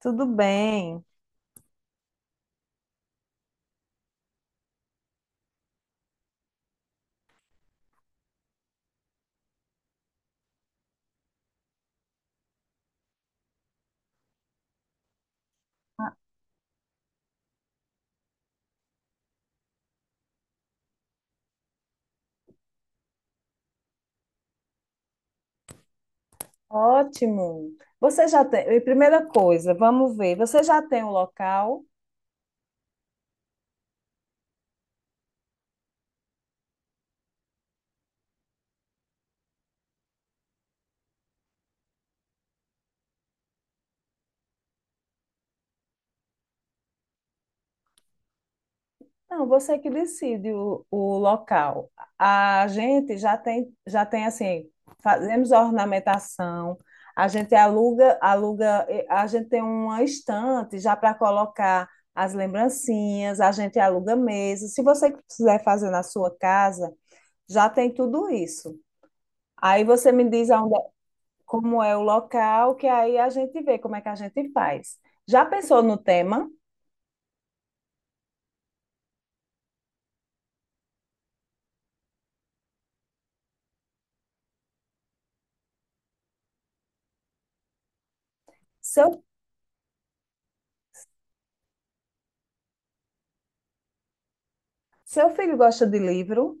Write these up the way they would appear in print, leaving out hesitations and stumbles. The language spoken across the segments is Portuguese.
Tudo bem. Ótimo. Você já tem. E Primeira coisa, vamos ver. Você já tem o local? Não, você é que decide o local. A gente já tem assim, fazemos a ornamentação, a gente aluga, a gente tem uma estante já para colocar as lembrancinhas, a gente aluga mesa. Se você quiser fazer na sua casa, já tem tudo isso. Aí você me diz aonde, como é o local, que aí a gente vê como é que a gente faz. Já pensou no tema? Seu, Seu filho gosta de livro,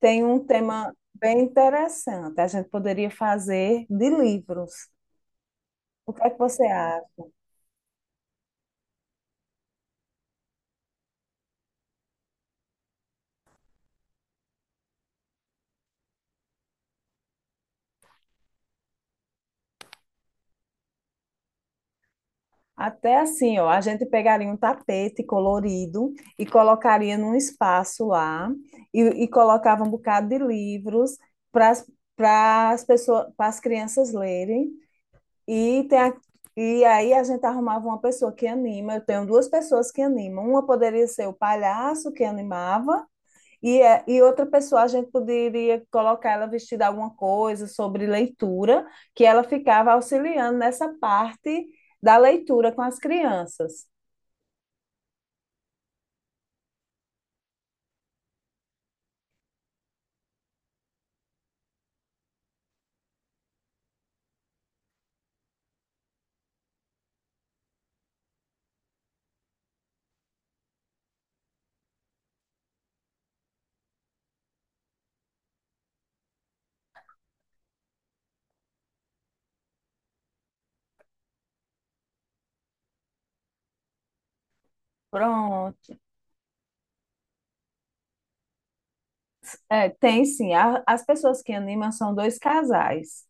tem um tema bem interessante. A gente poderia fazer de livros. O que é que você acha? Até assim, ó, a gente pegaria um tapete colorido e colocaria num espaço lá e colocava um bocado de livros para as pessoas, para as crianças lerem. E, tem a- e aí a gente arrumava uma pessoa que anima. Eu tenho duas pessoas que animam. Uma poderia ser o palhaço que animava, e outra pessoa a gente poderia colocar ela vestida alguma coisa sobre leitura, que ela ficava auxiliando nessa parte da leitura com as crianças. Pronto. É, tem sim. As pessoas que animam são dois casais.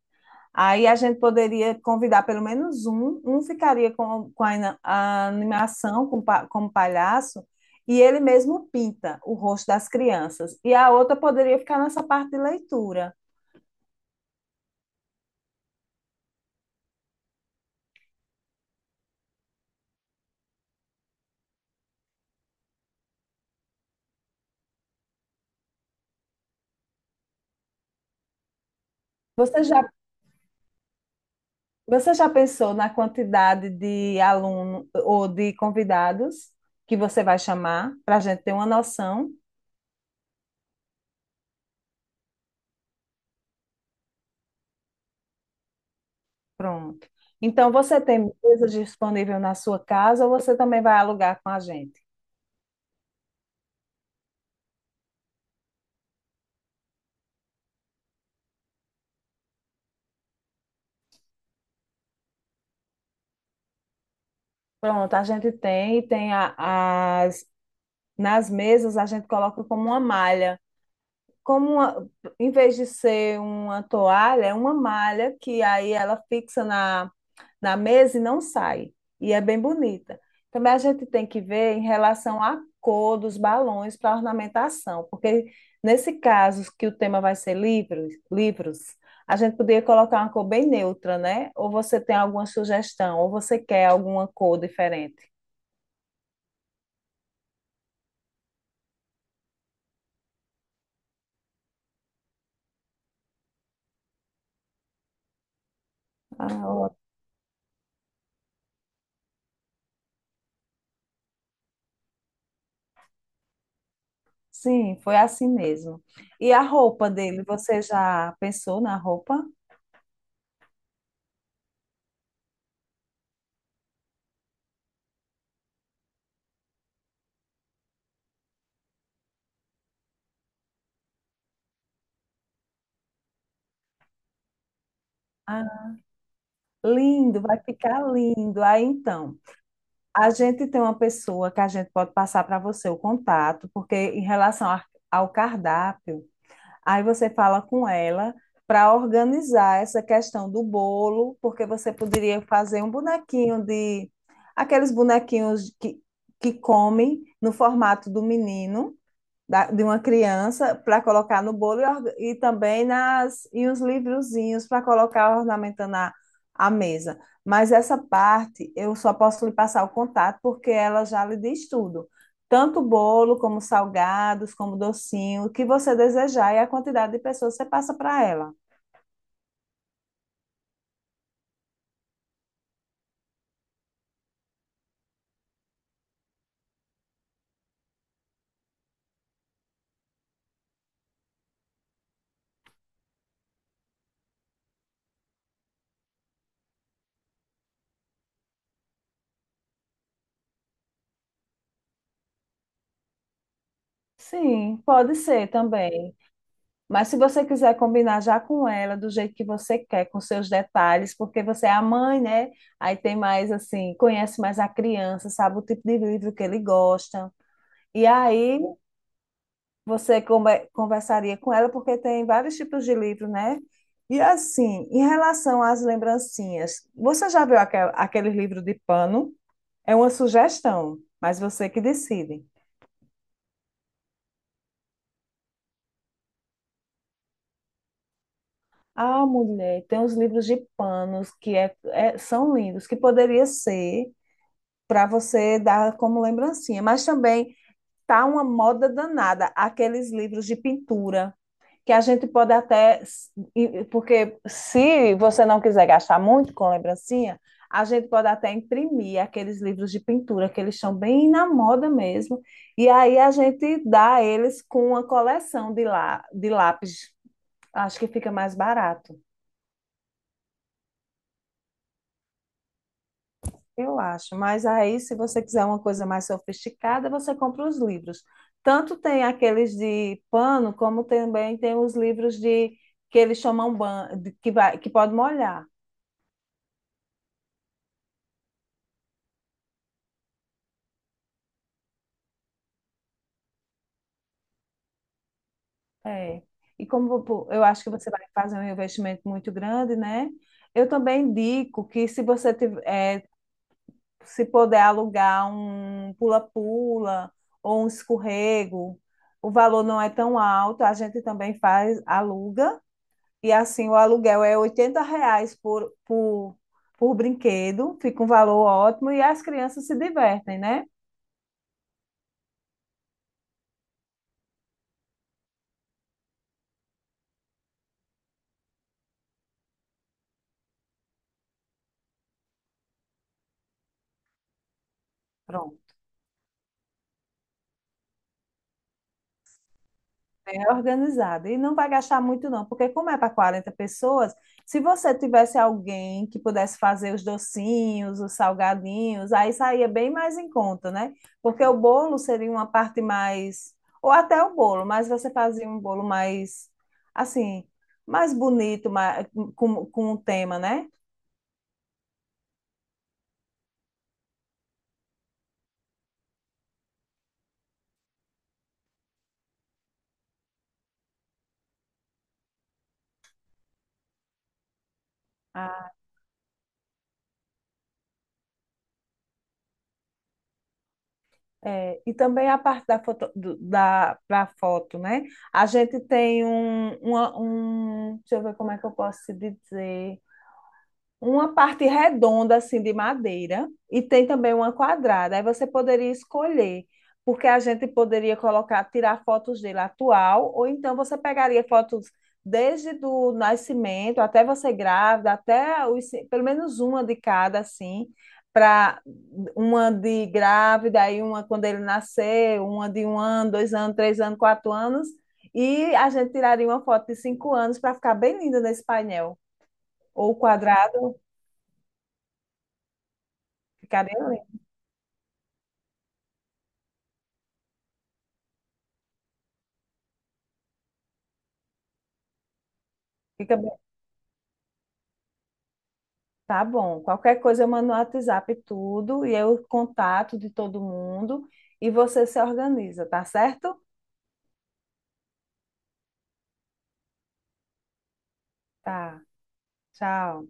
Aí a gente poderia convidar pelo menos um, um ficaria com a animação, como palhaço, e ele mesmo pinta o rosto das crianças. E a outra poderia ficar nessa parte de leitura. Você já, Você já pensou na quantidade de aluno ou de convidados que você vai chamar, para a gente ter uma noção? Pronto. Então, você tem mesa disponível na sua casa ou você também vai alugar com a gente? Pronto, a gente tem, e tem a, as nas mesas a gente coloca como uma malha. Como uma- Em vez de ser uma toalha, é uma malha que aí ela fixa na mesa e não sai. E é bem bonita. Também a gente tem que ver em relação à cor dos balões para ornamentação, porque nesse caso que o tema vai ser livros, a gente poderia colocar uma cor bem neutra, né? Ou você tem alguma sugestão, ou você quer alguma cor diferente? Ah, Sim, foi assim mesmo. E a roupa dele, você já pensou na roupa? Ah, lindo, vai ficar lindo. Aí então, a gente tem uma pessoa que a gente pode passar para você o contato, porque ao cardápio, aí você fala com ela para organizar essa questão do bolo, porque você poderia fazer um bonequinho de aqueles que comem no formato do menino, de uma criança para colocar no bolo e também nas e os livrozinhos para colocar ornamentando a mesa. Mas essa parte eu só posso lhe passar o contato porque ela já lhe diz tudo. Tanto bolo, como salgados, como docinho, o que você desejar, e a quantidade de pessoas você passa para ela. Sim, pode ser também. Mas se você quiser combinar já com ela, do jeito que você quer, com seus detalhes, porque você é a mãe, né? Aí tem mais assim, conhece mais a criança, sabe o tipo de livro que ele gosta. E aí você conversaria com ela, porque tem vários tipos de livro, né? E assim, em relação às lembrancinhas, você já viu aquele livro de pano? É uma sugestão, mas você que decide. Ah, mulher, tem os livros de panos que são lindos, que poderia ser para você dar como lembrancinha. Mas também tá uma moda danada aqueles livros de pintura que a gente pode até, porque se você não quiser gastar muito com lembrancinha, a gente pode até imprimir aqueles livros de pintura que eles estão bem na moda mesmo, e aí a gente dá eles com uma coleção de lá de lápis. Acho que fica mais barato. Eu acho, mas aí, se você quiser uma coisa mais sofisticada, você compra os livros. Tanto tem aqueles de pano, como também tem os livros de que eles chamam ban, que vai, que pode molhar. É. E como pô, eu acho que você vai fazer um investimento muito grande, né? Eu também indico que se você tiver, é, se puder alugar um pula-pula ou um escorrego, o valor não é tão alto, a gente também faz, aluga. E assim, o aluguel é R$ 80 por brinquedo, fica um valor ótimo e as crianças se divertem, né? Pronto, bem organizado. E não vai gastar muito, não, porque como é para 40 pessoas, se você tivesse alguém que pudesse fazer os docinhos, os salgadinhos, aí saía bem mais em conta, né? Porque o bolo seria uma parte mais. Ou até o bolo, mas você fazia um bolo mais, assim, mais bonito, mais, com um tema, né? É, e também a parte da foto, da foto, né? A gente tem um, deixa eu ver como é que eu posso te dizer. Uma parte redonda, assim, de madeira, e tem também uma quadrada. Aí você poderia escolher, porque a gente poderia colocar, tirar fotos dele atual, ou então você pegaria fotos desde do nascimento até você grávida, até pelo menos uma de cada, assim, para uma de grávida, aí uma quando ele nascer, uma de 1 ano, 2 anos, 3 anos, 4 anos, e a gente tiraria uma foto de 5 anos para ficar bem linda nesse painel, ou quadrado. Ficaria lindo. Fica bem. Tá bom. Qualquer coisa eu mando no WhatsApp tudo e eu contato de todo mundo e você se organiza, tá certo? Tá. Tchau.